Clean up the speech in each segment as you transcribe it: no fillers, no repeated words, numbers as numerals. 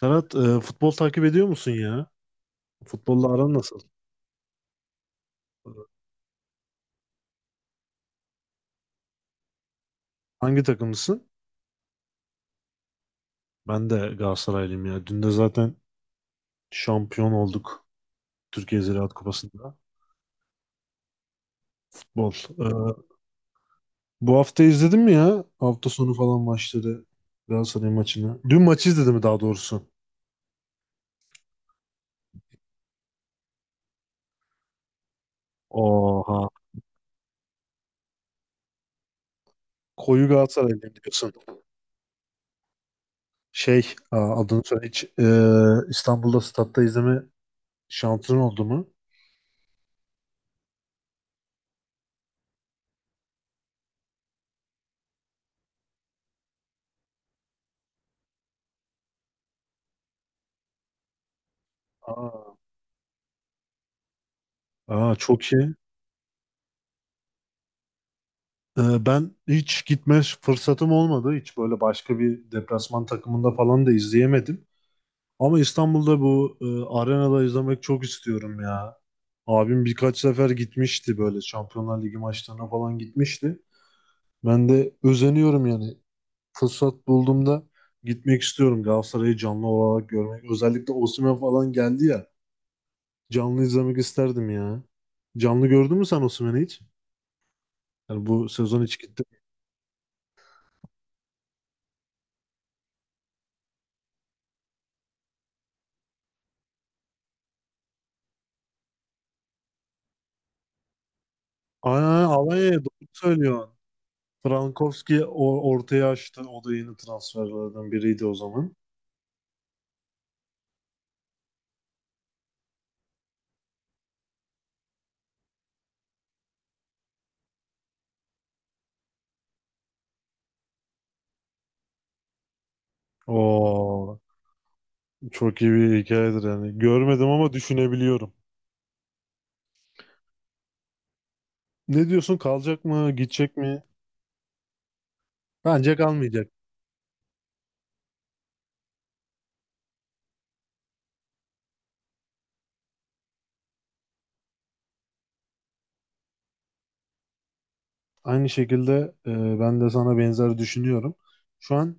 Serhat, futbol takip ediyor musun ya? Futbolla aran nasıl? Hangi takımlısın? Ben de Galatasaraylıyım ya. Dün de zaten şampiyon olduk Türkiye Ziraat Kupası'nda. Futbol. E, Bu hafta izledin mi ya? Hafta sonu falan maçları. Galatasaray maçını. Dün maçı izledim mi daha doğrusu? Oha. Koyu Galatasaraylıyım diyorsun. Adını söyle hiç. İstanbul'da statta izleme şansın oldu mu? Aa, aa, çok iyi. Ben hiç gitme fırsatım olmadı. Hiç böyle başka bir deplasman takımında falan da izleyemedim. Ama İstanbul'da bu arenada izlemek çok istiyorum ya. Abim birkaç sefer gitmişti böyle Şampiyonlar Ligi maçlarına falan gitmişti. Ben de özeniyorum yani. Fırsat bulduğumda gitmek istiyorum. Galatasaray'ı canlı olarak görmek. Özellikle Osimhen falan geldi ya. Canlı izlemek isterdim ya. Canlı gördün mü sen Osimhen'i hiç? Yani bu sezon hiç gitti. Aynen, aynen, Alanya'ya doğru söylüyor. Frankowski ortaya açtı. O da yeni transferlerden biriydi o zaman. Oo, çok iyi bir hikayedir yani. Görmedim ama düşünebiliyorum. Ne diyorsun? Kalacak mı? Gidecek mi? Bence kalmayacak. Aynı şekilde e, ben de sana benzer düşünüyorum. Şu an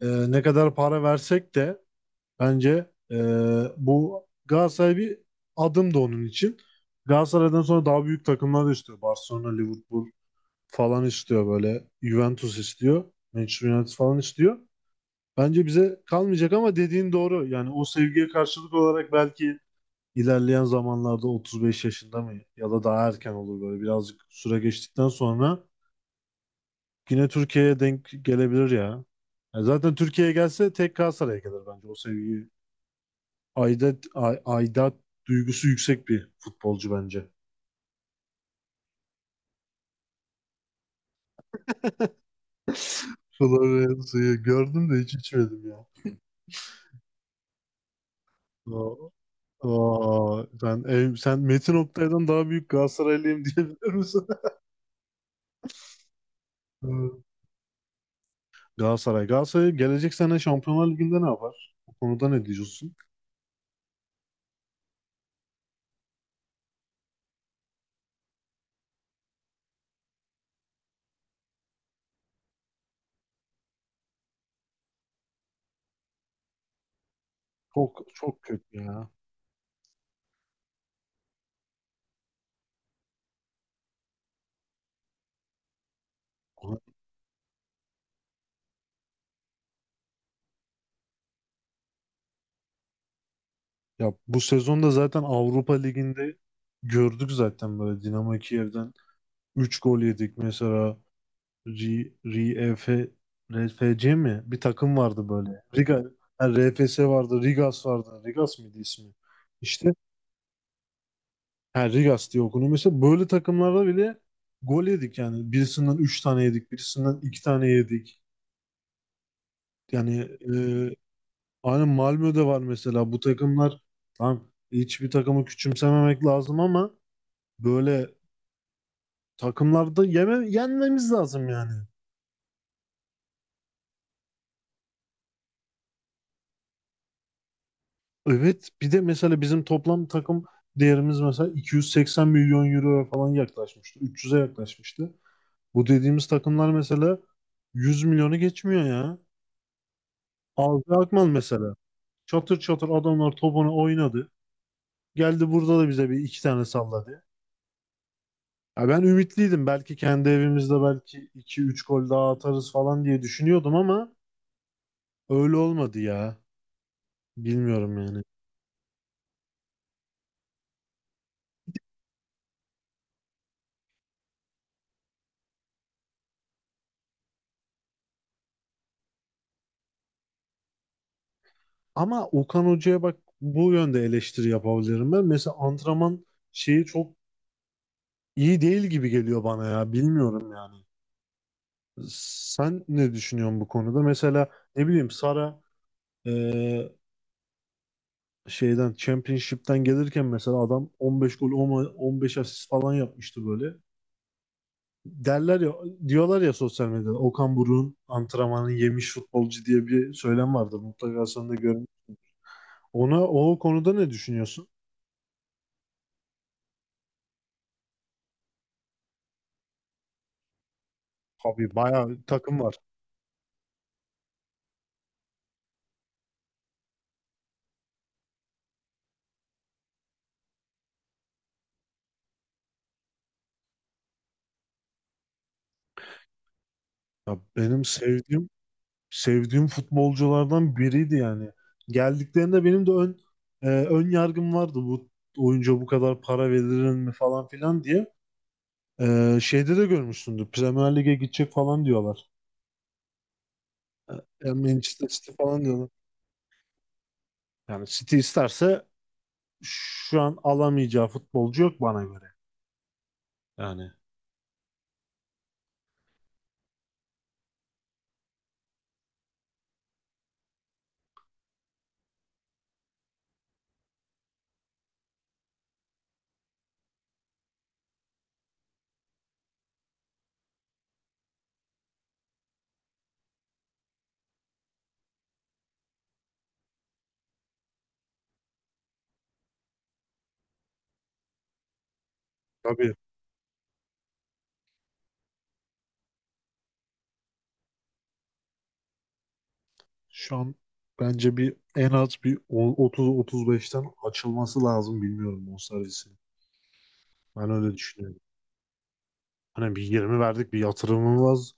ne kadar para versek de bence bu Galatasaray bir adım da onun için. Galatasaray'dan sonra daha büyük takımlar da istiyor. Barcelona, Liverpool falan istiyor böyle. Juventus istiyor. Manchester United falan istiyor. Bence bize kalmayacak ama dediğin doğru. Yani o sevgiye karşılık olarak belki ilerleyen zamanlarda 35 yaşında mı ya da daha erken olur böyle birazcık süre geçtikten sonra yine Türkiye'ye denk gelebilir ya. Ya zaten Türkiye'ye gelse tek Galatasaray'a gelir bence, o sevgi. Aidat duygusu yüksek bir futbolcu bence. Florya'yı gördüm de hiç içmedim ya. O, Aa, sen, ev, sen Metin Oktay'dan daha büyük Galatasaraylıyım diyebilir misin? Evet. Galatasaray gelecek sene Şampiyonlar Ligi'nde ne yapar? O konuda ne diyorsun? Çok çok kötü ya. Ya bu sezonda zaten Avrupa Ligi'nde gördük zaten böyle Dinamo Kiev'den 3 gol yedik mesela. R- RF RFC mi? Bir takım vardı böyle. Riga, ha, RFS vardı, Rigas vardı. Rigas mıydı ismi? İşte. Ha, Rigas diye okunuyor. Mesela böyle takımlarda bile gol yedik yani. Birisinden 3 tane yedik, birisinden 2 tane yedik. Yani aynı Malmö'de var mesela. Bu takımlar tam, hiçbir takımı küçümsememek lazım ama böyle takımlarda yenmemiz lazım yani. Evet, bir de mesela bizim toplam takım değerimiz mesela 280 milyon euroya falan yaklaşmıştı. 300'e yaklaşmıştı. Bu dediğimiz takımlar mesela 100 milyonu geçmiyor ya. Aldı Akman mesela. Çatır çatır adamlar topunu oynadı. Geldi burada da bize bir iki tane salladı. Ya ben ümitliydim. Belki kendi evimizde belki iki üç gol daha atarız falan diye düşünüyordum ama öyle olmadı ya. Bilmiyorum yani. Ama Okan Hoca'ya bak, bu yönde eleştiri yapabilirim ben. Mesela antrenman şeyi çok iyi değil gibi geliyor bana ya. Bilmiyorum yani. Sen ne düşünüyorsun bu konuda? Mesela ne bileyim, Sara e, şeyden, Championship'ten gelirken mesela adam 15 gol, 10 15 asist falan yapmıştı böyle. Derler ya, diyorlar ya sosyal medyada Okan Buruk'un antrenmanını yemiş futbolcu diye bir söylem vardır. Mutlaka sen de görmüşsün. O konuda ne düşünüyorsun? Abi bayağı bir takım var. Ya benim sevdiğim futbolculardan biriydi yani. Geldiklerinde benim de ön yargım vardı, bu oyuncuya bu kadar para verilir mi falan filan diye. Şeyde de görmüşsündür. Premier Lig'e gidecek falan diyorlar. Manchester City falan diyorlar. Yani City isterse şu an alamayacağı futbolcu yok bana göre. Yani tabii şu an bence en az bir 30-35'ten açılması lazım, bilmiyorum, bonservisinin. Ben öyle düşünüyorum. Hani bir 20 verdik, bir yatırımımız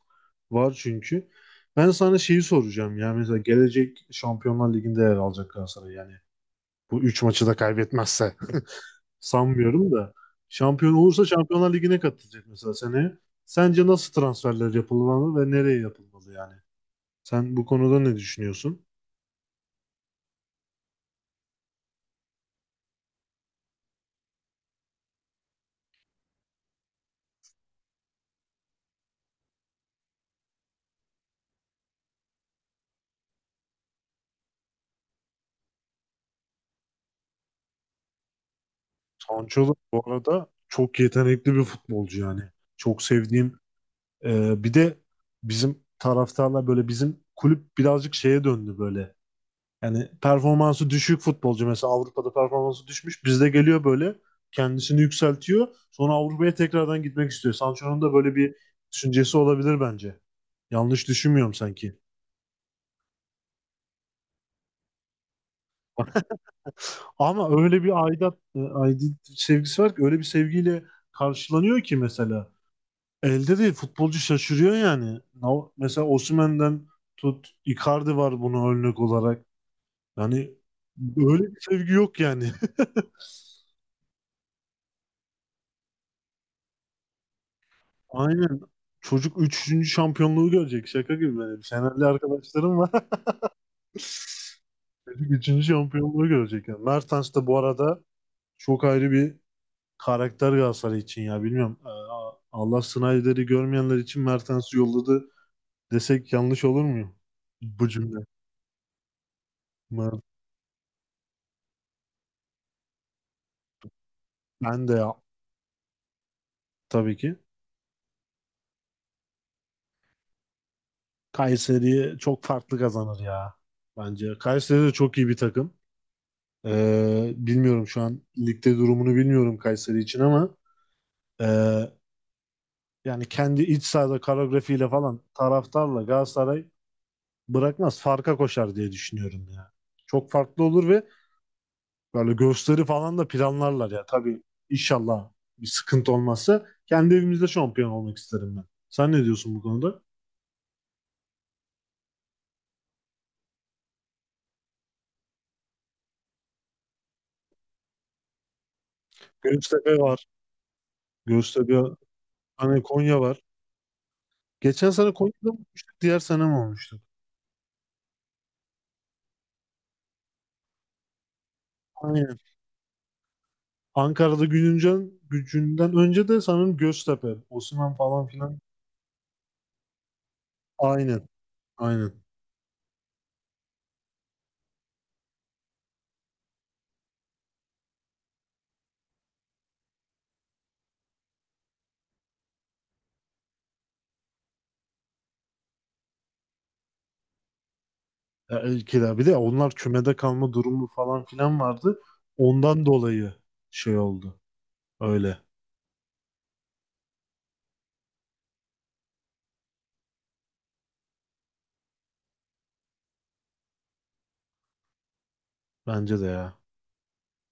var çünkü. Ben sana şeyi soracağım. Yani mesela gelecek Şampiyonlar Ligi'nde yer alacak Galatasaray yani. Bu 3 maçı da kaybetmezse. Sanmıyorum da. Şampiyon olursa Şampiyonlar Ligi'ne katılacak mesela seneye. Sence nasıl transferler yapılmalı ve nereye yapılmalı yani? Sen bu konuda ne düşünüyorsun? Sancho da bu arada çok yetenekli bir futbolcu yani. Çok sevdiğim. Bir de bizim taraftarlar böyle, bizim kulüp birazcık şeye döndü böyle. Yani performansı düşük futbolcu, mesela Avrupa'da performansı düşmüş, bizde geliyor böyle kendisini yükseltiyor. Sonra Avrupa'ya tekrardan gitmek istiyor. Sancho'nun da böyle bir düşüncesi olabilir bence. Yanlış düşünmüyorum sanki. Ama öyle bir aidiyet sevgisi var ki, öyle bir sevgiyle karşılanıyor ki mesela. Elde değil, futbolcu şaşırıyor yani. Mesela Osimhen'den tut, Icardi var bunu örnek olarak. Yani böyle bir sevgi yok yani. Aynen. Çocuk üçüncü şampiyonluğu görecek. Şaka gibi. Benim Fenerli arkadaşlarım var. Çocuk 3. şampiyonluğu görecek. Yani Mertens de bu arada çok ayrı bir karakter Galatasaray için ya. Bilmiyorum. Allah Snyder'i görmeyenler için Mertens'i yolladı desek yanlış olur mu? Bu cümle. Mer- Ben de ya. Tabii ki. Kayseri'ye çok farklı kazanır ya. Bence. Kayseri de çok iyi bir takım. Bilmiyorum şu an ligde durumunu, bilmiyorum Kayseri için ama ee, yani kendi iç sahada koreografiyle falan, taraftarla Galatasaray bırakmaz. Farka koşar diye düşünüyorum ya. Çok farklı olur ve böyle gösteri falan da planlarlar ya. Tabii inşallah bir sıkıntı olmazsa kendi evimizde şampiyon olmak isterim ben. Sen ne diyorsun bu konuda? Göztepe var. Göztepe, hani Konya var. Geçen sene Konya'da mı olmuştuk? Diğer sene mi olmuştuk? Aynen. Ankara'da Gülüncen gücünden önce de sanırım Göztepe, Osman falan filan. Aynen. Aynen. Ya, kira, bir de onlar kümede kalma durumu falan filan vardı. Ondan dolayı şey oldu. Öyle. Bence de ya.